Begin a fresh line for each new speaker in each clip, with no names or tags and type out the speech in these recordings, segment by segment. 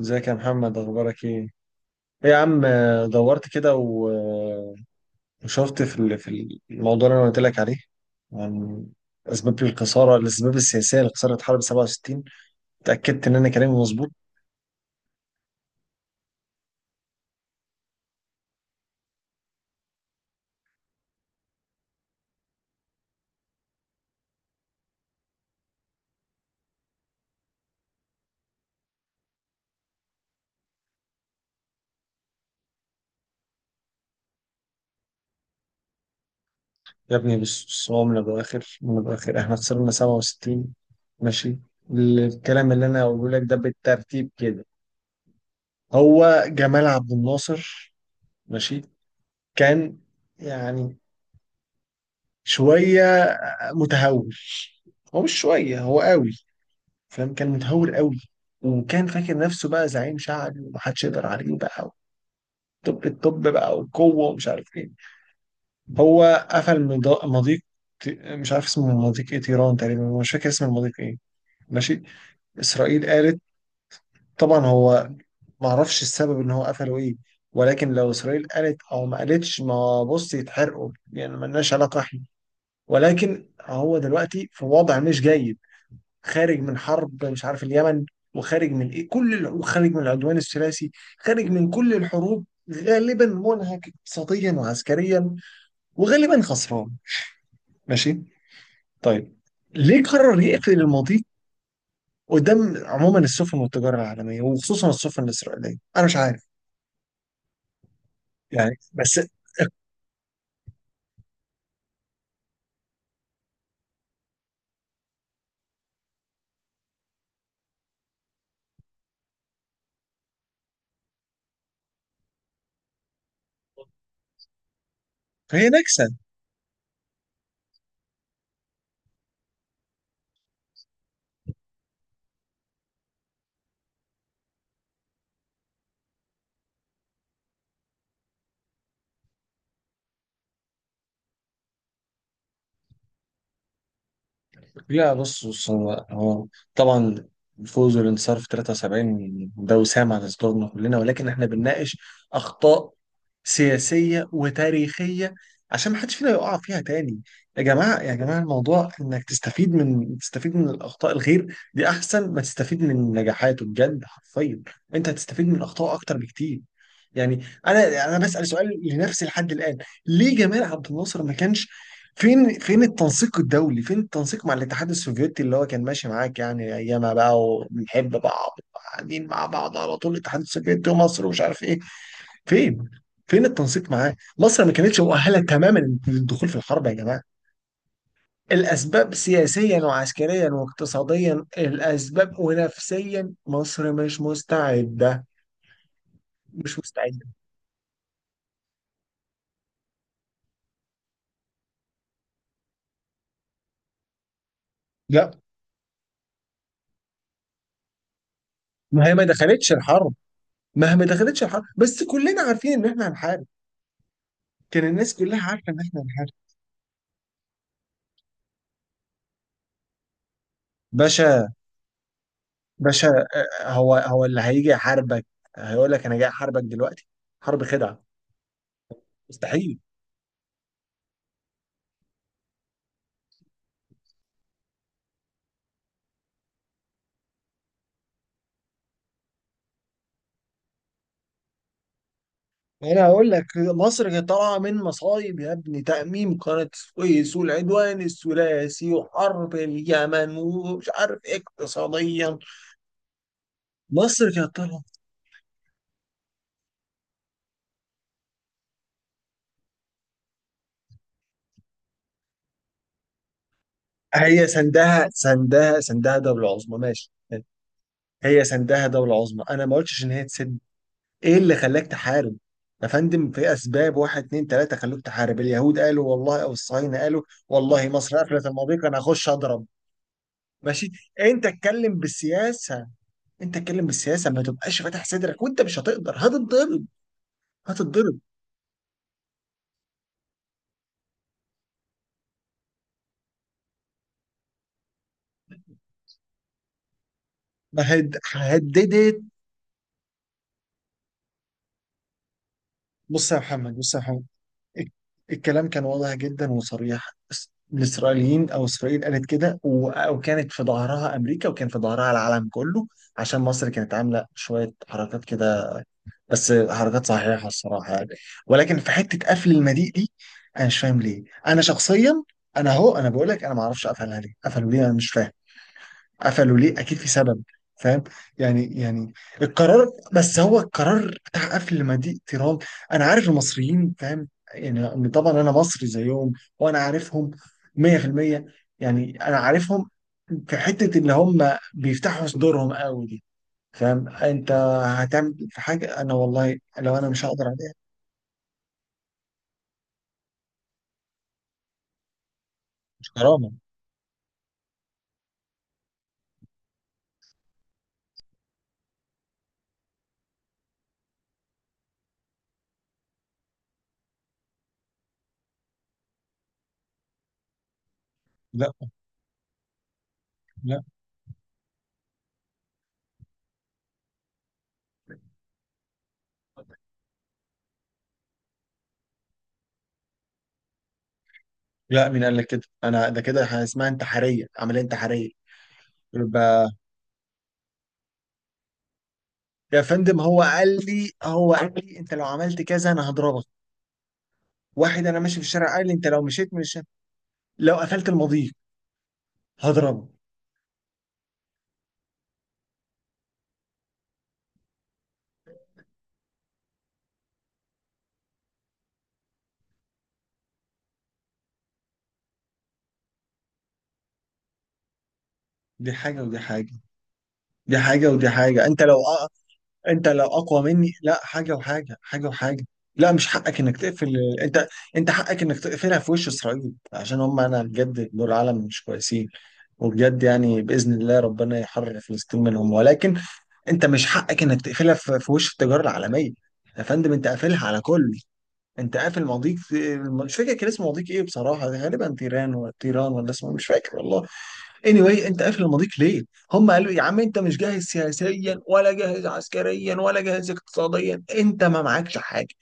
ازيك يا محمد، اخبارك ايه؟ ايه يا عم، دورت كده وشفت في الموضوع اللي انا قلت لك عليه، عن اسباب الخساره، الاسباب السياسيه لخساره حرب 67. اتاكدت ان انا كلامي مظبوط. يا ابني، بص، هو من الاخر من الاخر احنا خسرنا 67. ماشي، الكلام اللي انا هقوله لك ده بالترتيب كده. هو جمال عبد الناصر، ماشي، كان يعني شويه متهور. هو مش شويه، هو قوي، فاهم، كان متهور قوي. وكان فاكر نفسه بقى زعيم شعبي ومحدش يقدر عليه بقى، الطب بقى والقوه ومش عارف ايه. هو قفل مضيق، مش عارف اسمه مضيق ايه، تيران تقريبا، مش فاكر اسم المضيق ايه. ماشي، اسرائيل قالت، طبعا هو ما اعرفش السبب ان هو قفله ايه، ولكن لو اسرائيل قالت او ما قالتش، ما بص يتحرقوا يعني، ملناش علاقه احنا. ولكن هو دلوقتي في وضع مش جيد، خارج من حرب مش عارف اليمن، وخارج من ايه، كل وخارج من العدوان الثلاثي، خارج من كل الحروب، غالبا منهك اقتصاديا وعسكريا، وغالبا خسران. ماشي، طيب، ليه قرر يقفل المضيق قدام عموما السفن والتجاره العالميه وخصوصا السفن الاسرائيليه؟ انا مش عارف يعني. بس، فهي نكسه. لا بص، هو طبعا الفوز والانتصار في 73 ده وسام على صدورنا كلنا، ولكن احنا بنناقش اخطاء سياسيه وتاريخيه عشان ما حدش فينا يقع فيها تاني. يا جماعه يا جماعه، الموضوع انك تستفيد من الاخطاء الغير دي احسن ما تستفيد من نجاحاته، بجد حرفيا، انت هتستفيد من الاخطاء اكتر بكتير. يعني انا بسال سؤال لنفسي لحد الان، ليه جمال عبد الناصر ما كانش، فين فين التنسيق الدولي، فين التنسيق مع الاتحاد السوفيتي اللي هو كان ماشي معاك يعني ايامها بقى، وبنحب بعض، قاعدين مع بعض على طول، الاتحاد السوفيتي ومصر ومش عارف ايه. فين فين التنسيق معاه؟ مصر ما كانتش مؤهله تماما للدخول في الحرب يا جماعه. الاسباب سياسيا وعسكريا واقتصاديا، الاسباب، ونفسيا مصر مش مستعده، مش مستعده. لا، ما هي ما دخلتش الحرب، ما هي ما دخلتش الحرب بس كلنا عارفين ان احنا هنحارب، كان الناس كلها عارفه ان احنا هنحارب. باشا، باشا، هو اللي هيجي يحاربك؟ هيقول لك انا جاي احاربك دلوقتي؟ حرب خدعه، مستحيل. انا هقول لك، مصر كانت طالعه من مصايب يا ابني، تأميم قناه السويس والعدوان الثلاثي وحرب اليمن ومش عارف اقتصاديا، مصر كانت طالعه. هي سندها دوله عظمى، ماشي، هي سندها دوله عظمى، انا ما قلتش ان هي تسد. ايه اللي خلاك تحارب؟ يا فندم، في اسباب، واحد اتنين تلاته، خلوك تحارب. اليهود قالوا والله، او الصهاينه قالوا والله، مصر قفلت المضيق، انا هخش اضرب. ماشي، انت اتكلم بالسياسه، انت اتكلم بالسياسه، ما تبقاش فاتح صدرك وانت مش هتقدر، هتتضرب، هتتضرب. ما هد... هددت. بص يا محمد، بص يا محمد، ال- الكلام كان واضح جدا وصريح. الاسرائيليين او اسرائيل قالت كده، وكانت في ظهرها امريكا وكان في ظهرها العالم كله. عشان مصر كانت عامله شويه حركات كده، بس حركات صحيحة الصراحة يعني، ولكن في حتة قفل المضيق دي أنا مش فاهم ليه، أنا شخصيا. أنا أهو، أنا بقول لك أنا ما أعرفش قفلها ليه، قفلوا ليه؟ أنا مش فاهم. قفلوا ليه؟ أكيد في سبب، فاهم. يعني يعني، القرار، بس هو القرار بتاع قفل مضيق تيران. أنا عارف المصريين، فاهم، يعني إن طبعا أنا مصري زيهم، وأنا عارفهم 100%، يعني أنا عارفهم. في حتة اللي هم بيفتحوا صدورهم قوي دي، فاهم انت، هتعمل في حاجه انا والله لو انا مش هقدر عليها. مش كرامه. لا، لا، لا، مين قال لك كده؟ انا ده كده اسمها انتحاريه، عمليه انتحاريه. يبقى، يا فندم، هو قال لي، انت لو عملت كذا انا هضربك. واحد انا ماشي في الشارع قال لي انت لو مشيت مش، لو قفلت المضيق هضربك. دي حاجه ودي حاجه، دي حاجه ودي حاجه، انت لو اقوى مني. لا، حاجه وحاجه، حاجه وحاجه. لا، مش حقك انك تقفل. انت انت حقك انك تقفلها في وش اسرائيل عشان هم، انا بجد دول عالم مش كويسين، وبجد يعني باذن الله ربنا يحرر فلسطين منهم، ولكن انت مش حقك انك تقفلها في وش التجاره العالميه. يا فندم انت قافلها على كل، انت قافل مضيق، مش فاكر كان اسمه مضيق ايه بصراحه، غالبا تيران ولا تيران ولا اسمه مش فاكر والله. anyway، انت قافل المضيق ليه؟ هم قالوا إيه؟ يا عم انت مش جاهز سياسيا، ولا جاهز عسكريا، ولا جاهز اقتصاديا، انت ما معكش حاجه.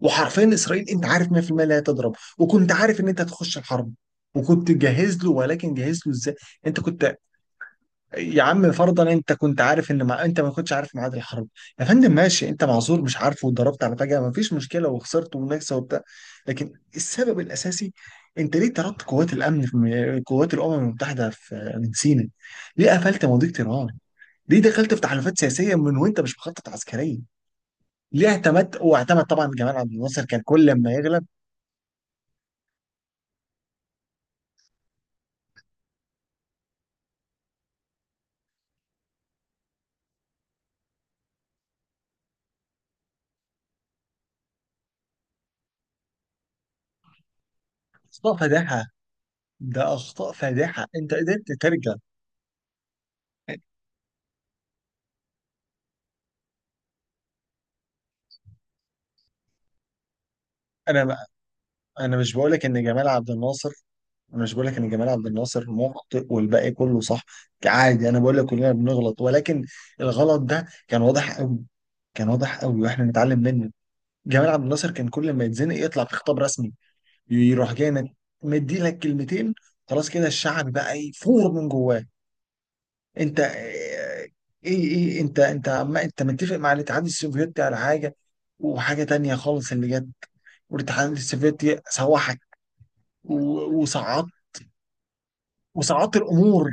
وحرفيا اسرائيل انت عارف 100% لا تضرب، وكنت عارف ان انت هتخش الحرب، وكنت جاهز له، ولكن جاهز له ازاي؟ انت كنت، يا عم فرضا انت كنت عارف ان انت ما كنتش عارف ميعاد الحرب، يا فندم ماشي، انت معذور مش عارفه، واتضربت على فجأة، ما فيش مشكلة، وخسرت ومناكسة وبتاع. لكن السبب الاساسي، انت ليه طردت قوات الامن في قوات الامم المتحدة في، من سيناء؟ ليه قفلت مضيق طيران؟ ليه دخلت في تحالفات سياسية من وانت مش مخطط عسكريا؟ ليه اعتمدت، واعتمد طبعا جمال عبد الناصر كان كل لما يغلب. اخطاء فادحة، ده اخطاء فادحة، انت قدرت ترجع. انا انا مش بقول لك ان جمال عبد الناصر، انا مش بقول لك ان جمال عبد الناصر مخطئ والباقي كله صح، عادي، انا بقول لك كلنا بنغلط، ولكن الغلط ده كان واضح قوي، كان واضح قوي واحنا نتعلم منه. جمال عبد الناصر كان كل ما يتزنق يطلع في خطاب رسمي، يروح جاي مدي لك كلمتين، خلاص كده الشعب بقى يفور من جواه. انت، ايه انت عم انت متفق مع الاتحاد السوفيتي على حاجه، وحاجه تانية خالص اللي جت، والاتحاد السوفيتي سوحك، وصعد، وصعدت الامور.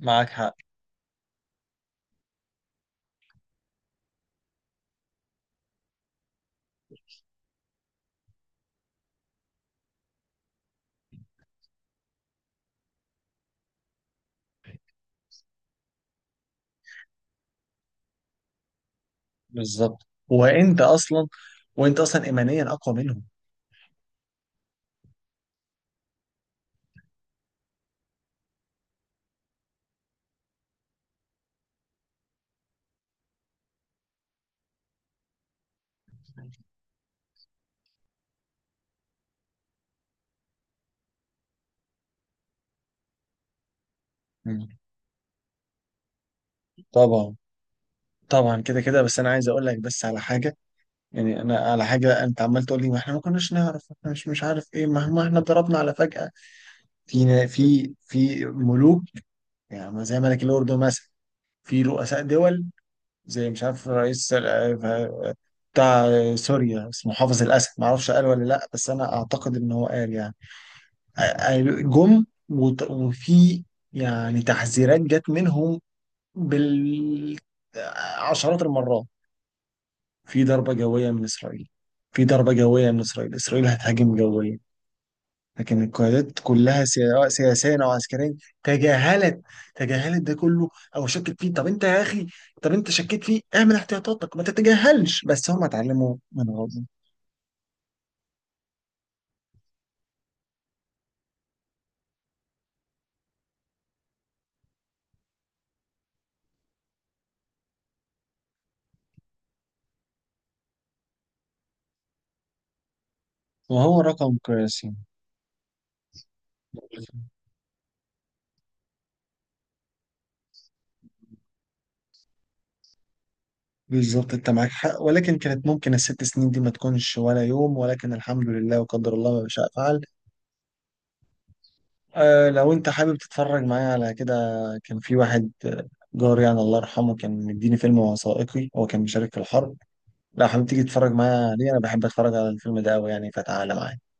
معاك حق، بالظبط. وانت اصلا ايمانيا اقوى منهم. مم. طبعا، طبعا، كده كده، بس انا عايز اقول لك بس على حاجه، يعني انا على حاجه. انت عمال تقول لي ما احنا ما كناش نعرف، احنا مش، مش عارف ايه ما احنا ضربنا على فجاه. في في ملوك، يعني زي ملك الاردن مثلا، في رؤساء دول، زي مش عارف رئيس بتاع سوريا، اسمه حافظ الاسد، ما اعرفش قال ولا لا، بس انا اعتقد ان هو قال يعني. جم وفي يعني تحذيرات جت منهم بالعشرات المرات، في ضربة جوية من إسرائيل، في ضربة جوية من إسرائيل، إسرائيل هتهاجم جويا. لكن القيادات كلها سواء سياسيا أو عسكريا تجاهلت تجاهلت ده كله، أو شكت فيه. طب أنت يا أخي، طب أنت شكيت فيه اعمل احتياطاتك، ما تتجاهلش. بس هم اتعلموا من غلطهم، وهو رقم قياسي. بالظبط انت معاك حق، ولكن كانت ممكن الست سنين دي ما تكونش ولا يوم، ولكن الحمد لله، وقدر الله ما شاء فعل. آه، لو انت حابب تتفرج معايا على كده، كان في واحد جاري يعني الله يرحمه، كان مديني فيلم وثائقي، هو كان مشارك في الحرب. لو حابب تيجي تتفرج معايا عليه، انا بحب اتفرج على الفيلم ده قوي يعني، فتعالى معايا.